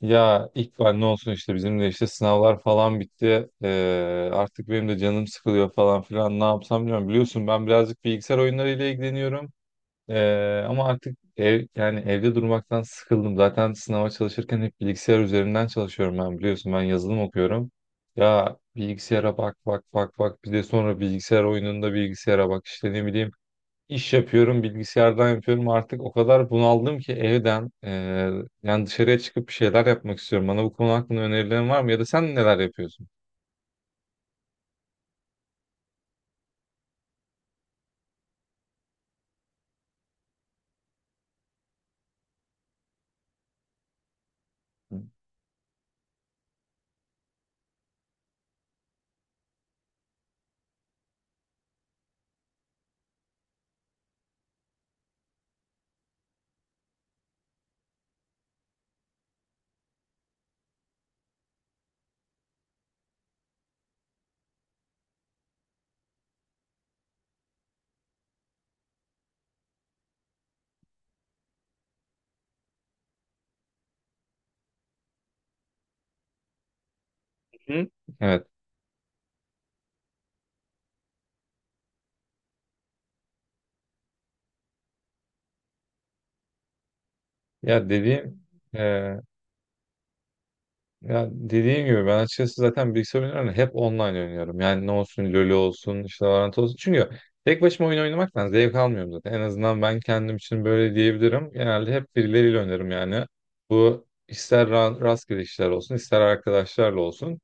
Ya İkbal ne olsun işte bizim de işte sınavlar falan bitti. Artık benim de canım sıkılıyor falan filan ne yapsam bilmiyorum. Biliyorsun ben birazcık bilgisayar oyunlarıyla ilgileniyorum. Ama artık yani evde durmaktan sıkıldım. Zaten sınava çalışırken hep bilgisayar üzerinden çalışıyorum ben biliyorsun ben yazılım okuyorum. Ya bilgisayara bak bir de sonra bilgisayar oyununda bilgisayara bak işte ne bileyim. İş yapıyorum, bilgisayardan yapıyorum. Artık o kadar bunaldım ki evden yani dışarıya çıkıp bir şeyler yapmak istiyorum. Bana bu konu hakkında önerilerin var mı? Ya da sen neler yapıyorsun? Hı? Evet. Ya dediğim e, ya dediğim gibi ben açıkçası zaten bilgisayar oyunlarını hep online oynuyorum. Yani ne olsun LoL olsun işte Valorant olsun. Çünkü tek başıma oyun oynamaktan zevk almıyorum zaten. En azından ben kendim için böyle diyebilirim. Genelde hep birileriyle oynarım yani. Bu ister rastgele işler olsun ister arkadaşlarla olsun.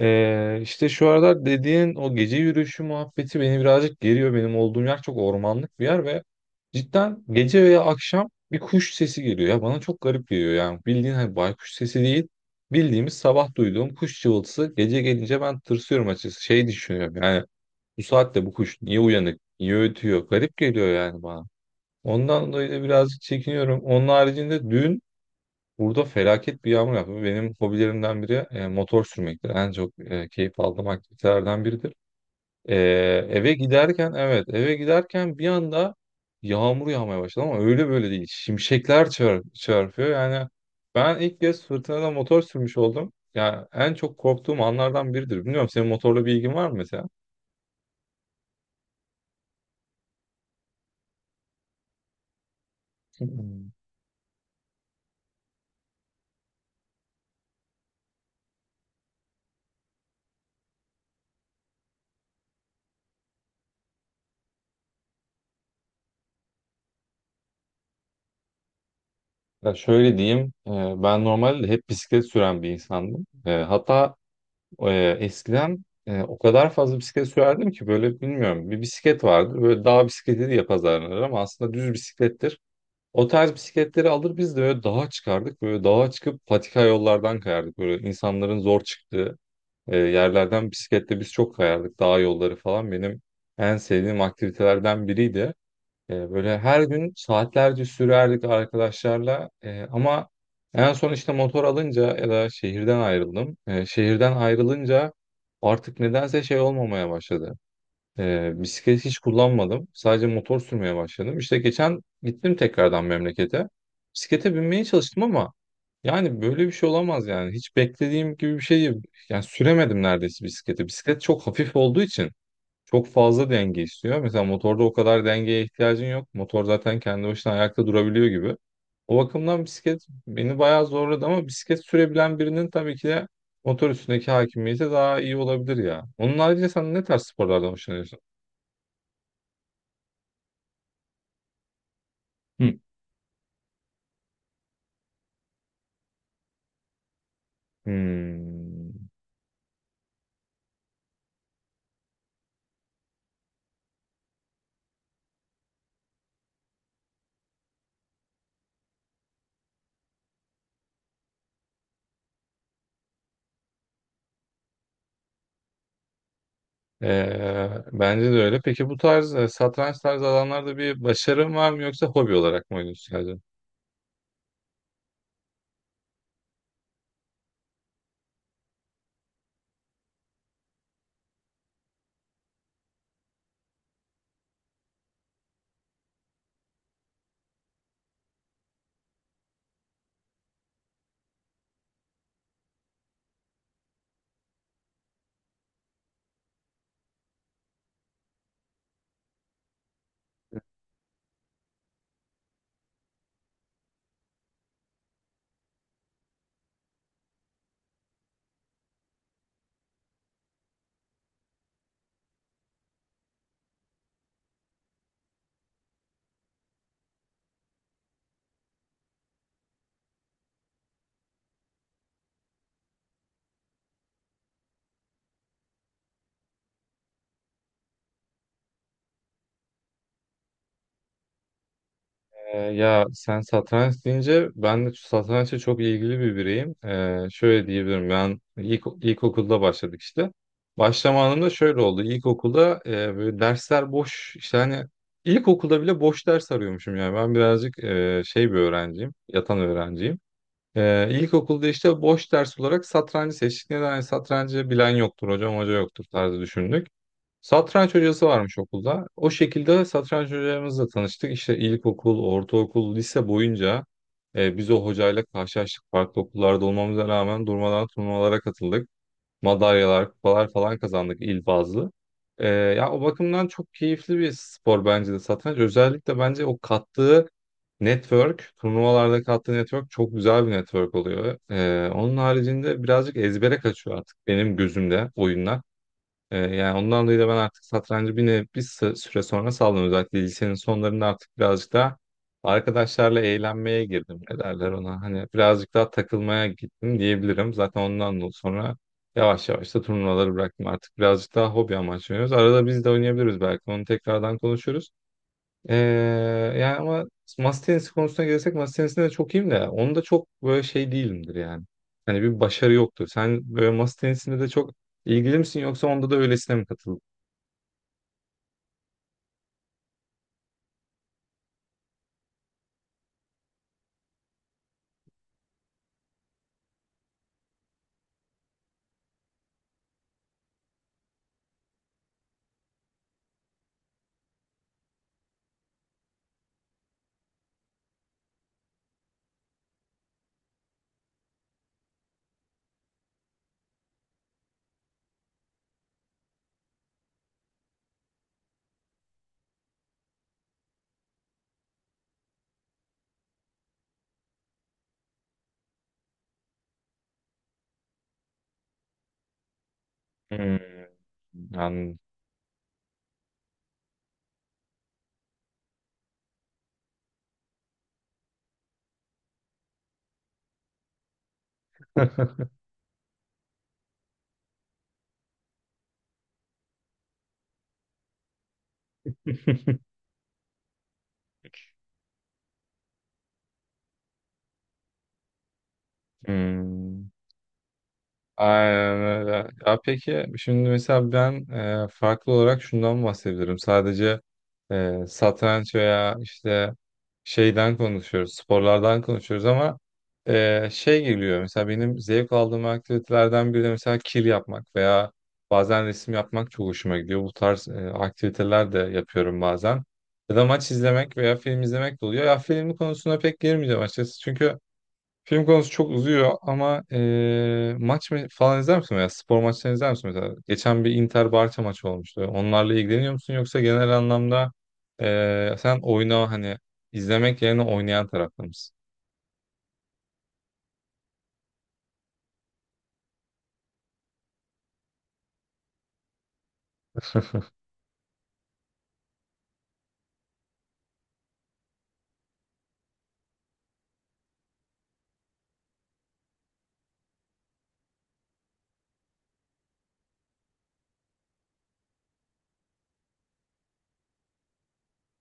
İşte şu aralar dediğin o gece yürüyüşü muhabbeti beni birazcık geriyor. Benim olduğum yer çok ormanlık bir yer ve cidden gece veya akşam bir kuş sesi geliyor. Ya bana çok garip geliyor yani bildiğin hani baykuş sesi değil, bildiğimiz sabah duyduğum kuş cıvıltısı gece gelince ben tırsıyorum açıkçası. Şey düşünüyorum yani bu saatte bu kuş niye uyanık, niye ötüyor, garip geliyor yani bana. Ondan dolayı da birazcık çekiniyorum. Onun haricinde dün burada felaket bir yağmur yaptı. Benim hobilerimden biri motor sürmektir. En çok keyif aldığım aktivitelerden biridir. E, evet, eve giderken bir anda yağmur yağmaya başladı ama öyle böyle değil. Şimşekler çarpıyor. Yani ben ilk kez fırtınada motor sürmüş oldum. Yani en çok korktuğum anlardan biridir. Bilmiyorum senin motorla bir ilgin var mı mesela? Hmm. Ya şöyle diyeyim, ben normalde hep bisiklet süren bir insandım. Hatta eskiden o kadar fazla bisiklet sürerdim ki böyle, bilmiyorum, bir bisiklet vardır böyle dağ bisikleti diye pazarlanır ama aslında düz bisiklettir. O tarz bisikletleri alır biz de böyle dağa çıkardık, böyle dağa çıkıp patika yollardan kayardık, böyle insanların zor çıktığı yerlerden bisikletle biz çok kayardık, dağ yolları falan benim en sevdiğim aktivitelerden biriydi. Böyle her gün saatlerce sürerdik arkadaşlarla. Ama en son işte motor alınca ya da şehirden ayrıldım. Şehirden ayrılınca artık nedense şey olmamaya başladı. Bisiklet hiç kullanmadım. Sadece motor sürmeye başladım. İşte geçen gittim tekrardan memlekete. Bisiklete binmeye çalıştım ama yani böyle bir şey olamaz yani. Hiç beklediğim gibi bir şey değil. Yani süremedim neredeyse bisikleti. Bisiklet çok hafif olduğu için. Çok fazla denge istiyor. Mesela motorda o kadar dengeye ihtiyacın yok. Motor zaten kendi başına ayakta durabiliyor gibi. O bakımdan bisiklet beni bayağı zorladı ama bisiklet sürebilen birinin tabii ki de motor üstündeki hakimiyeti daha iyi olabilir ya. Onun haricinde sen ne tarz sporlardan hoşlanıyorsun? Hı. Hmm. Bence de öyle. Peki bu tarz satranç tarzı alanlarda bir başarın var mı yoksa hobi olarak mı oynuyorsun? Ya sen satranç deyince ben de satrançla çok ilgili bir bireyim. Şöyle diyebilirim, ben ilkokulda başladık işte. Başlama anında şöyle oldu. İlkokulda böyle dersler boş, işte hani ilkokulda bile boş ders arıyormuşum yani. Ben birazcık şey bir öğrenciyim. Yatan öğrenciyim. İlkokulda işte boş ders olarak satrancı seçtik. Neden? Yani satrancı bilen yoktur hocam, hoca yoktur tarzı düşündük. Satranç hocası varmış okulda. O şekilde satranç hocamızla tanıştık. İşte ilkokul, ortaokul, lise boyunca biz o hocayla karşılaştık. Farklı okullarda olmamıza rağmen durmadan turnuvalara katıldık, madalyalar, kupalar falan kazandık il bazlı. Ya o bakımdan çok keyifli bir spor bence de satranç. Özellikle bence o kattığı network, turnuvalarda kattığı network çok güzel bir network oluyor. Onun haricinde birazcık ezbere kaçıyor artık benim gözümde oyunlar. Yani ondan dolayı da ben artık satrancı bir süre sonra saldım. Özellikle lisenin sonlarında artık birazcık daha arkadaşlarla eğlenmeye girdim. Ne derler ona? Hani birazcık daha takılmaya gittim diyebilirim. Zaten ondan dolayı sonra yavaş yavaş da turnuvaları bıraktım. Artık birazcık daha hobi amaçlı oynuyoruz. Arada biz de oynayabiliriz belki. Onu tekrardan konuşuruz. Ee, Yani ama masa tenisi konusuna gelirsek masa tenisinde de çok iyiyim de onda çok böyle şey değilimdir yani. Hani bir başarı yoktur. Sen böyle masa tenisinde de çok ilgili misin yoksa onda da öylesine mi katıldın? Hmm, anladım. Hmm. Aynen öyle. Ya peki şimdi mesela ben farklı olarak şundan bahsedebilirim. Sadece satranç veya işte şeyden konuşuyoruz, sporlardan konuşuyoruz ama şey geliyor. Mesela benim zevk aldığım aktivitelerden biri de mesela kil yapmak veya bazen resim yapmak çok hoşuma gidiyor. Bu tarz aktiviteler de yapıyorum bazen. Ya da maç izlemek veya film izlemek de oluyor. Ya film konusuna pek girmeyeceğim açıkçası. Çünkü film konusu çok uzuyor ama falan izler misin veya spor maçlarını izler misin mesela? Geçen bir Inter-Barça maçı olmuştu. Onlarla ilgileniyor musun yoksa genel anlamda sen, oyna hani, izlemek yerine oynayan tarafta mısın?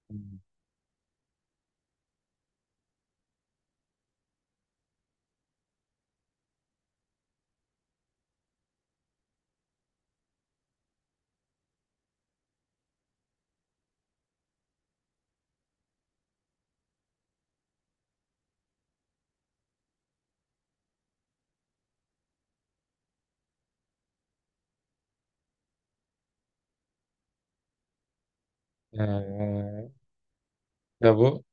Eee, ya bu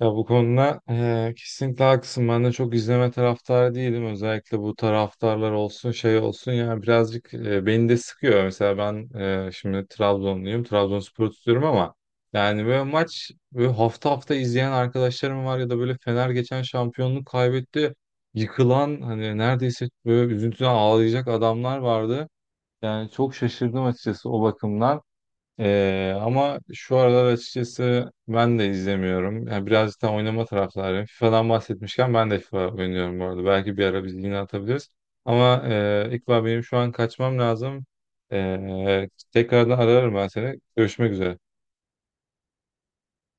Ya bu konuda kesinlikle haklısın. Ben de çok izleme taraftarı değilim. Özellikle bu taraftarlar olsun şey olsun yani birazcık beni de sıkıyor. Mesela ben şimdi Trabzonluyum. Trabzonspor'u tutuyorum ama yani böyle maç böyle hafta hafta izleyen arkadaşlarım var ya da böyle Fener geçen şampiyonluk kaybetti. Yıkılan hani neredeyse böyle üzüntüden ağlayacak adamlar vardı. Yani çok şaşırdım açıkçası o bakımdan. Ama şu aralar açıkçası ben de izlemiyorum. Yani birazcık da oynama taraftarıyım. FIFA'dan bahsetmişken ben de FIFA oynuyorum bu arada. Belki bir ara biz yine atabiliriz. Ama İkbal benim şu an kaçmam lazım. Tekrardan ararım ben seni. Görüşmek üzere.